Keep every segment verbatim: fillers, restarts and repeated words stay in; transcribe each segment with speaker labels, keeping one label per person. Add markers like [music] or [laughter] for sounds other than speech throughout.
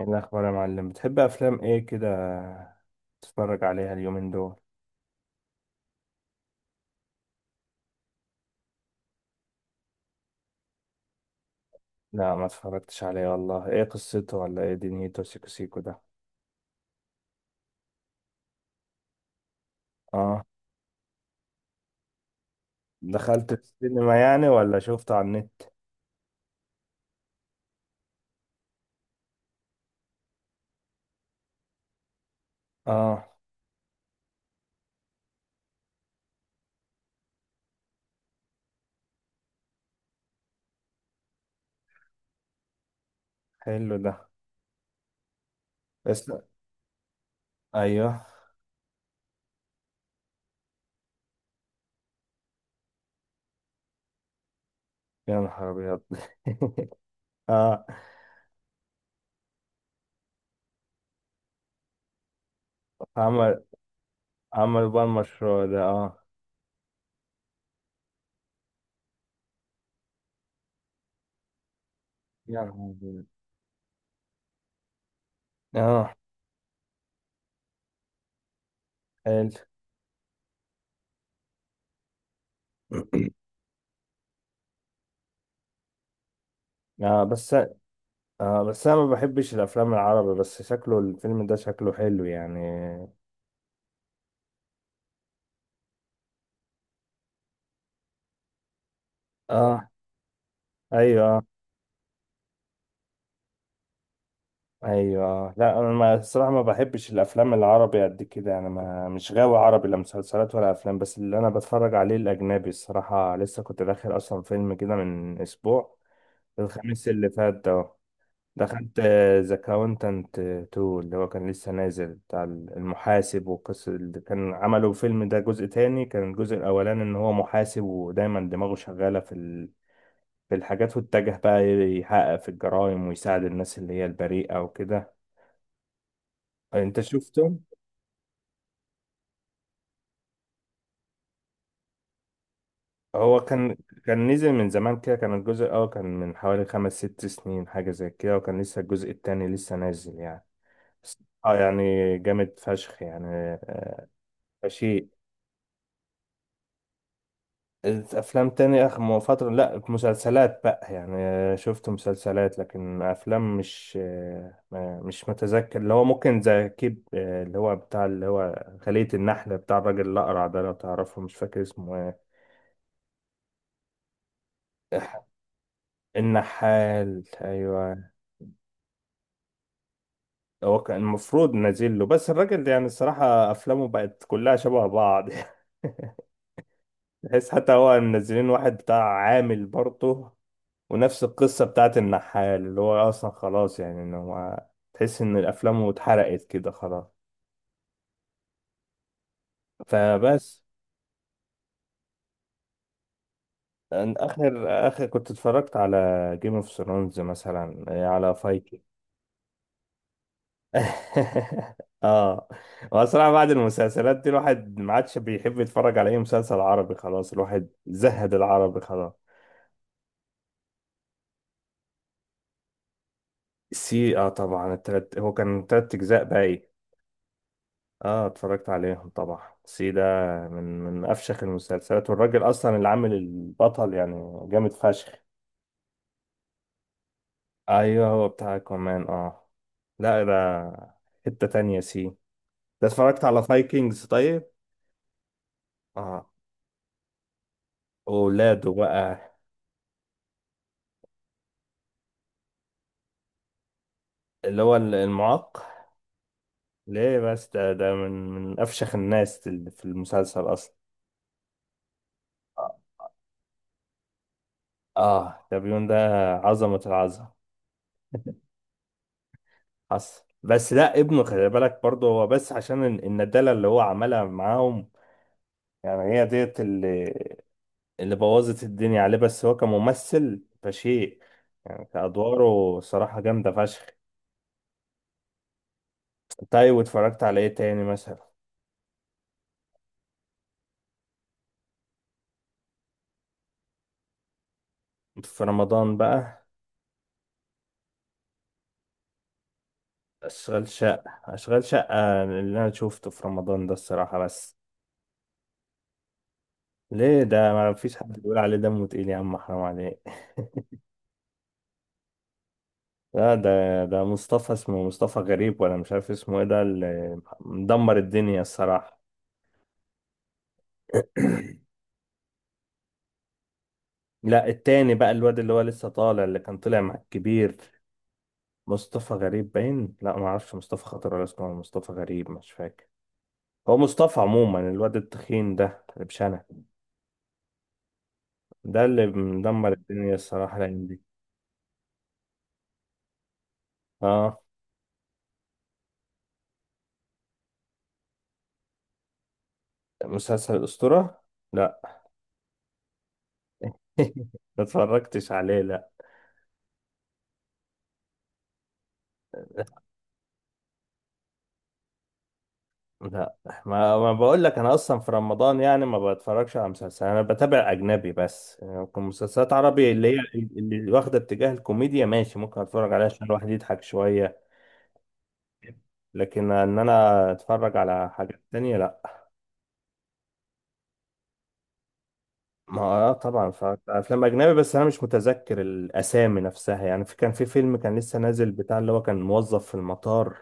Speaker 1: ايه الاخبار يا معلم؟ بتحب افلام ايه كده تتفرج عليها اليومين دول؟ لا، ما اتفرجتش عليه والله. ايه قصته ولا ايه دنيته سيكو سيكو ده؟ اه. دخلت السينما يعني ولا شفته على النت؟ اه، حلو ده. بس. ايوه. يا نهار ابيض. [laughs] اه. عمل عمل بقى المشروع ده اه. يا نهار أبيض. اه، حلو. [clears throat] اه بس اه بس انا ما بحبش الافلام العربي، بس شكله الفيلم ده شكله حلو يعني. اه. ايوه، ايوه. لا، انا ما الصراحه ما بحبش الافلام العربي قد كده. انا ما مش غاوي عربي، لا مسلسلات ولا افلام. بس اللي انا بتفرج عليه الاجنبي الصراحه. لسه كنت داخل اصلا فيلم كده من اسبوع، الخميس اللي فات ده، دخلت ذا كاونتنت اتنين اللي هو كان لسه نازل بتاع المحاسب. والقصه اللي كان عملوا فيلم ده جزء تاني، كان الجزء الاولاني ان هو محاسب ودايما دماغه شغاله في ال... في الحاجات، واتجه بقى يحقق في الجرائم ويساعد الناس اللي هي البريئة وكده. يعني انت شفته؟ هو كان كان نزل من زمان كده، كان الجزء الاول كان من حوالي خمس ست سنين حاجة زي كده، وكان لسه الجزء التاني لسه نازل يعني. بس اه يعني جامد فشخ يعني آه، شيء. افلام تاني؟ اخر فترة لا، مسلسلات بقى يعني آه، شفت مسلسلات، لكن افلام مش آه، ما- مش متذكر. اللي هو ممكن زي كيب آه، اللي هو بتاع اللي هو خلية النحلة بتاع الراجل الأقرع ده، لو تعرفه، مش فاكر اسمه ايه. النحال، ايوه. هو كان المفروض نازل له، بس الراجل ده يعني الصراحة أفلامه بقت كلها شبه بعض. [laughs] تحس حتى هو منزلين واحد بتاع، عامل برضه ونفس القصة بتاعت النحال، اللي هو أصلا خلاص يعني، إن هو تحس إن الأفلام اتحرقت كده خلاص. فبس. أن- آخر آخر كنت اتفرجت على جيم اوف ثرونز، مثلا على فايكنج. [laughs] اه. هو الصراحة بعد المسلسلات دي الواحد ما عادش بيحب يتفرج على اي مسلسل عربي، خلاص الواحد زهد العربي خلاص. سي، اه طبعا. التلت، هو كان تلت اجزاء بقى ايه. اه، اتفرجت عليهم طبعا. سي ده من من افشخ المسلسلات، والراجل اصلا اللي عامل البطل يعني جامد فشخ. ايوه هو بتاع كمان اه. لا ده حتة تانية سي. ده اتفرجت على فايكنجز طيب. اه. وولاده بقى، اللي هو المعاق، ليه بس ده ده من من أفشخ الناس اللي في المسلسل أصلا. آه دابيون ده، عظمة العظمة. حصل، بس لا ابنه خلي بالك برضه هو، بس عشان ال- الندالة اللي هو عملها معاهم. يعني هي ديت اللي اللي بوظت الدنيا عليه، بس هو كممثل فشيء، يعني كأدواره صراحة جامدة فشخ. طيب، واتفرجت على ايه تاني مثلا؟ في رمضان بقى. أشغال شقة أشغال شقة اللي أنا شوفته في رمضان ده الصراحة، بس. ليه؟ ده ما فيش حد بيقول عليه دمه تقيل، يا عم حرام عليك. [laughs] لا، ده ده مصطفى. اسمه مصطفى غريب ولا مش عارف اسمه ايه، ده اللي مدمر الدنيا الصراحة. [clears throat] لا، التاني بقى، الواد اللي هو لسه طالع، اللي كان طلع مع الكبير. مصطفى غريب باين، لا ما اعرفش مصطفى خاطر ولا اسمه مصطفى غريب، مش فاكر. هو مصطفى عموما، الواد التخين ده اللي بشنه. ده اللي مدمر الدنيا الصراحة الأيام دي. اه. مسلسل الأسطورة؟ لا. [laughs] ما اتفرجتش عليه، لا. لا، ما ما بقول لك انا اصلا في رمضان يعني ما بتفرجش على مسلسل، انا بتابع اجنبي بس. يعني ممكن مسلسلات عربي اللي هي اللي واخده اتجاه الكوميديا ماشي، ممكن اتفرج عليها عشان الواحد يضحك شويه. لكن ان انا اتفرج على حاجات تانية لا. ما آه طبعا اتفرجت على افلام اجنبي، بس انا مش متذكر الاسامي نفسها. يعني في كان في فيلم كان لسه نازل بتاع اللي هو كان موظف في المطار،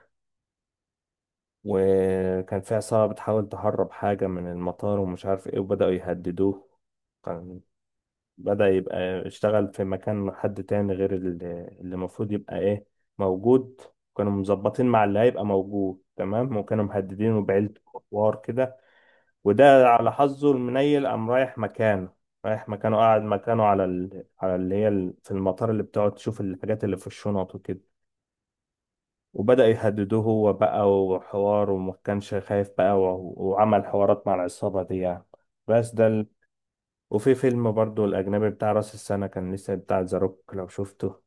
Speaker 1: وكان في عصابه بتحاول تهرب حاجه من المطار ومش عارف ايه، وبداوا يهددوه. كان بدأ يبقى اشتغل في مكان حد تاني، غير اللي اللي المفروض يبقى ايه موجود. كانوا مظبطين مع اللي هيبقى موجود تمام، وكانوا محددينه بعيلته وحوار كده. وده على حظه المنيل قام رايح مكانه، رايح مكانه، قاعد مكانه على ال... على اللي هي ال... في المطار اللي بتقعد تشوف الحاجات اللي في الشنط وكده. وبدأ يهددوه هو بقى وحوار، وما كانش خايف بقى و... وعمل حوارات مع العصابة دي يعني. بس ده. وفي فيلم برضو الأجنبي بتاع رأس السنة، كان لسه، بتاع ذا روك لو شفته.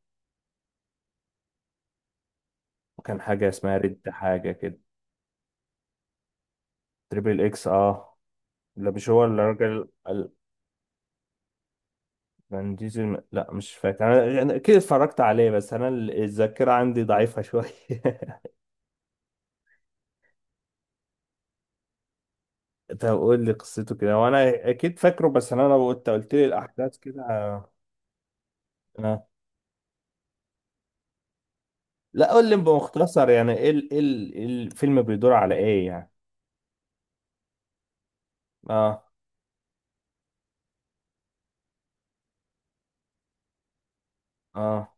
Speaker 1: وكان حاجة اسمها ريد حاجة كده. تريبل إكس اه. لا مش هو الراجل ال- فان ديزل، م- لا مش فاكر. أنا أنا أكيد اتفرجت عليه، بس أنا ال- الذاكرة عندي ضعيفة شوية. [laughs] طب قول لي قصته كده وأنا أكيد فاكره، بس أنا لو قلت قلت لي الأحداث كده. آه. آه. لا، قول لي بمختصر، يعني إيه ال- إيه ال- إيه الفيلم بيدور على إيه يعني؟ اه، اه.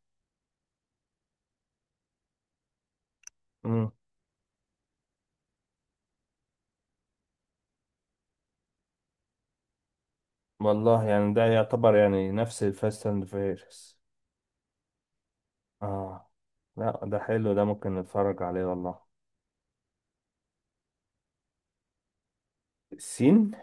Speaker 1: والله يعني ده يعتبر يعني نفس الفاست اند فيرس اه. لا ده حلو ده، ممكن نتفرج عليه والله. سين،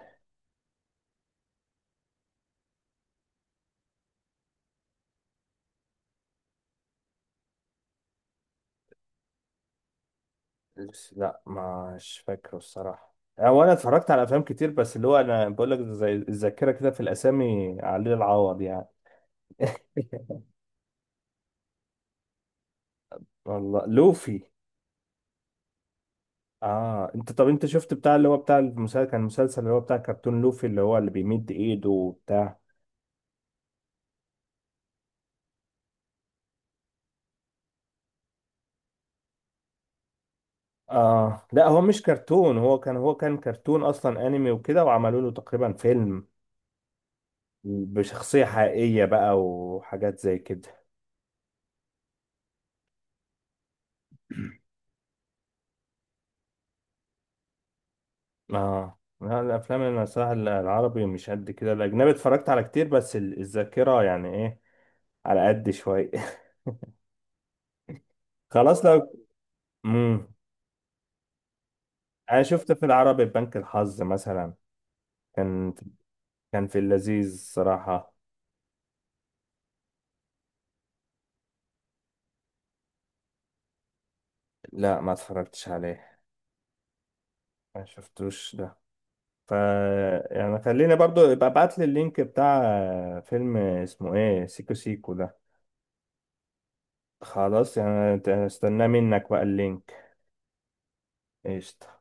Speaker 1: بس لا، مش فاكره الصراحة. هو انا اتفرجت على افلام كتير بس اللي هو انا بقول لك زي الذاكرة كده، في الاسامي عليه العوض يعني. [laughs] والله لوفي اه. انت طب انت شفت بتاع اللي هو بتاع المسلسل، كان المسلسل اللي هو بتاع كرتون لوفي اللي هو اللي بيمد ايده وبتاع. اه لا، هو مش كرتون، هو كان هو كان كرتون اصلا انمي وكده، وعملوا له تقريبا فيلم بشخصية حقيقية بقى وحاجات زي كده. اه لا، الافلام اللي أنا صراحه العربي مش قد كده، الاجنبي اتفرجت على كتير، بس ال- الذاكره يعني ايه، على قد شويه. [laughs] خلاص لو. امم انا شفت في العربي بنك الحظ مثلا، كان كان في اللذيذ صراحه. لا ما اتفرجتش عليه، ما شفتوش ده. ف يعني خليني برضو يبقى ابعت لي اللينك بتاع فيلم اسمه ايه، سيكو سيكو ده. خلاص يعني، استناه منك بقى اللينك. قشطة.